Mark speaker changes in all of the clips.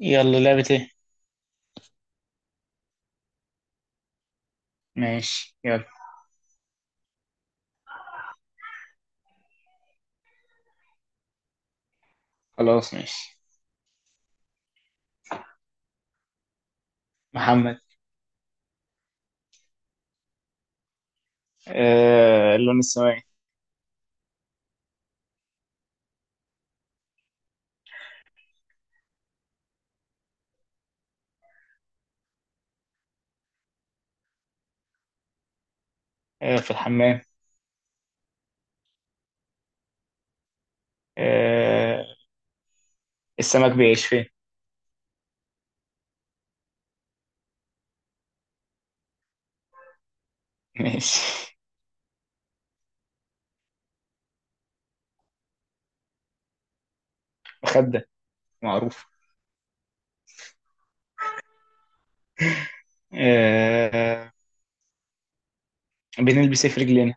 Speaker 1: يلا، لعبة ايه؟ ماشي، يلا. خلاص، ماشي. محمد. اللون السماوي. في الحمام. آه السمك بيعيش فين؟ ماشي. مخدة. معروف. آه بنلبس ايه في رجلينا؟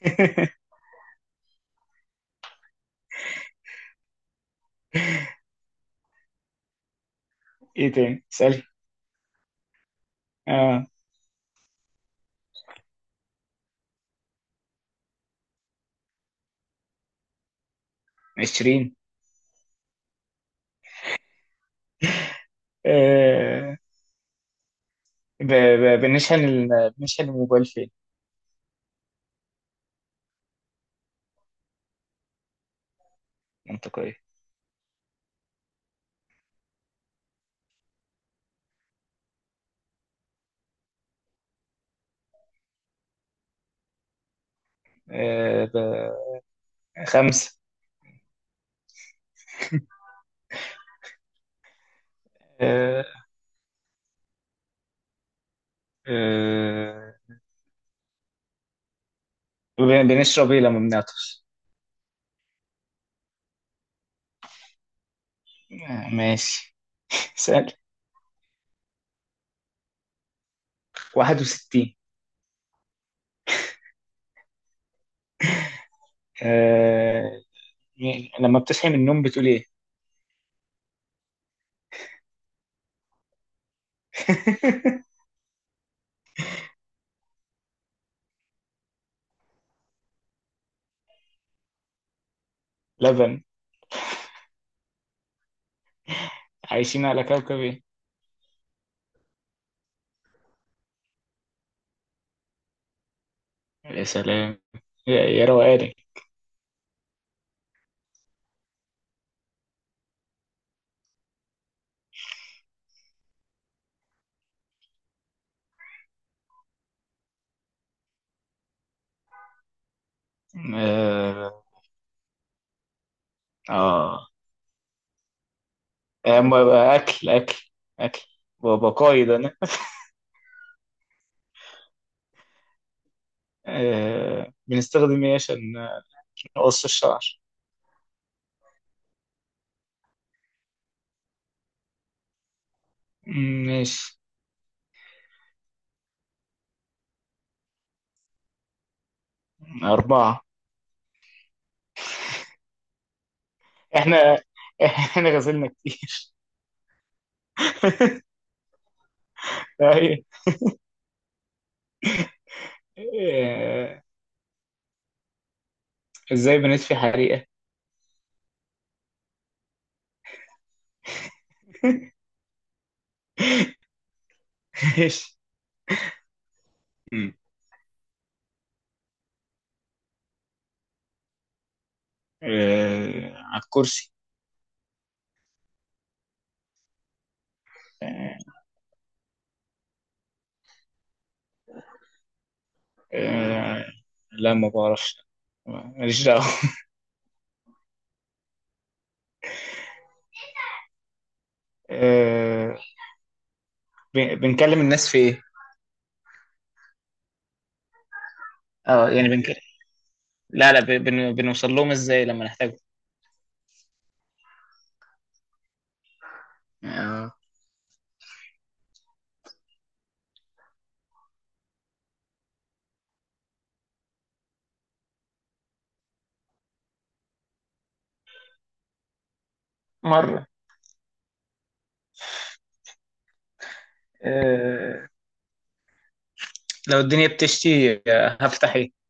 Speaker 1: ايه تاني سأل؟ اه 20. آه بنشحن الموبايل فين؟ منطقية. آه ب... 5. آه آه بنشرب ايه لما بنعطش؟ ماشي. سأل. 61. آه... يعني لما بتصحي من النوم بتقول ايه؟ لبن. عايشين على كوكب ايه؟ يا سلام. يا يا روقاني. اه، اه. أما اكل اكل اكل وبقايد انا. بنستخدم ايه عشان نقص الشعر؟ مم، ماشي. 4. احنا احنا غسلنا كتير. طيب. آه، ازاي بنطفي حريقة؟ ماشي. على الكرسي. آه، آه، لا، ما بعرفش. ماليش دعوة. آه، بنكلم الناس في ايه؟ اه، يعني بنكلم. لا، لا، بنوصل لهم ازاي لما نحتاجهم؟ آه، مرة. آه، لو الدنيا بتشتي هفتح ايه؟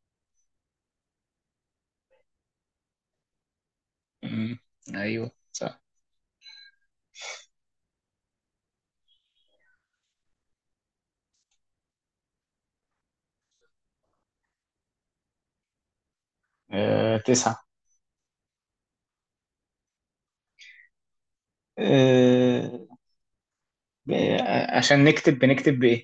Speaker 1: مم، ايوه صح. 9. آه، ب- آه، عشان نكتب بنكتب بايه؟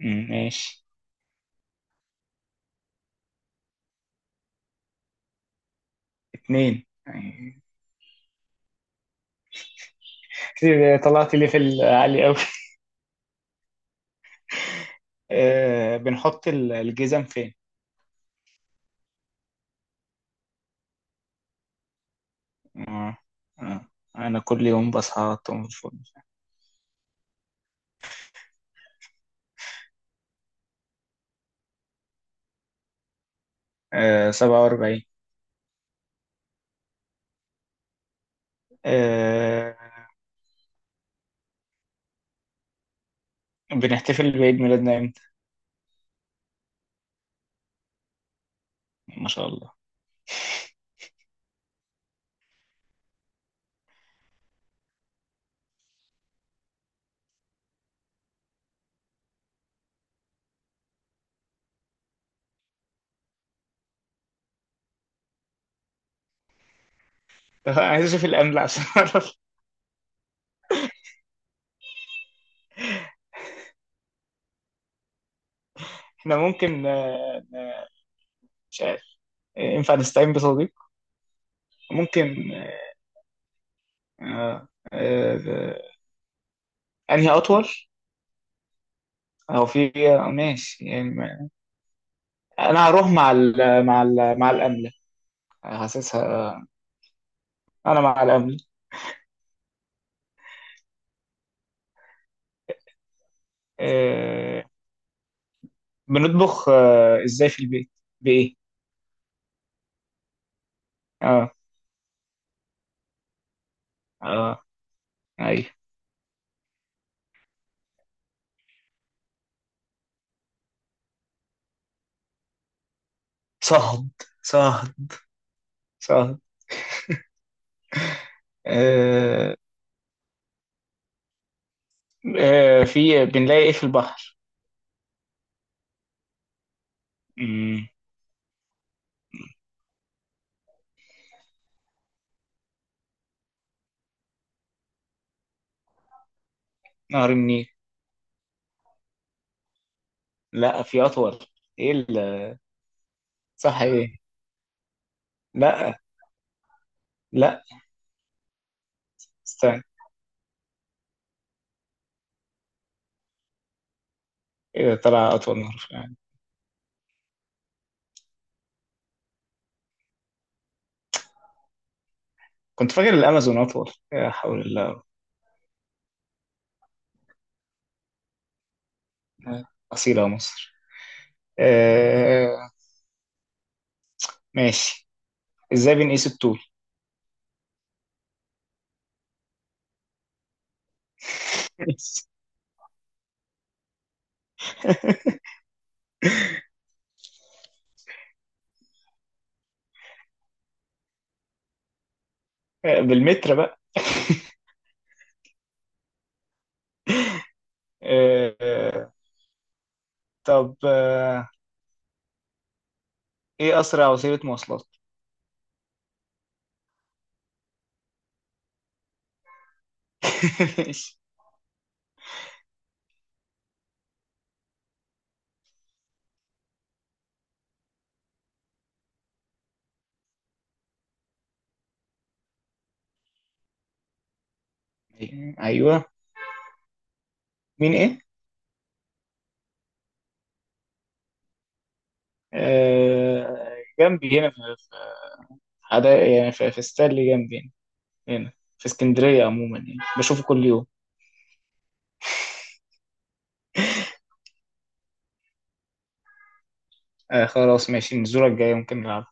Speaker 1: مم، ماشي. 2. كتير طلعت لي في العالي قوي. بنحط الجزم فين؟ آه، آه. أنا كل يوم بصحى على طول الفل. 47. آه، بنحتفل بعيد ميلادنا إمتى؟ ما شاء الله. عايز أشوف الأمل عشان أعرف إحنا ممكن. مش عارف. ينفع نستعين بصديق؟ ممكن. آه، آه، أنهي أطول؟ أو في، ماشي يعني. أنا هروح مع الأمل. حاسسها. أنا مع الأمل. آه، بنطبخ ازاي في البيت؟ بايه؟ اه، اه، ايوه. صهد، صهد، صهد. آه في بنلاقي ايه في البحر؟ مم. نهر النيل. لا، في اطول. ايه صح ايه؟ لا، لا، استنى. ايه ده طلع اطول نهر في العالم؟ كنت فاكر الامازون اطول. لا حول الله. اصيله يا مصر. آه ماشي. ازاي بنقيس الطول؟ بالمتر بقى. آه، آه، طب ايه اسرع وسيله مواصلات؟ ماشي. ايوه. مين ايه؟ جنبي هنا في حدا يعني في ستانلي جنبي هنا. هنا في اسكندريه عموما يعني بشوفه كل يوم. خلاص، ماشي. من الزوره الجايه ممكن نلعب.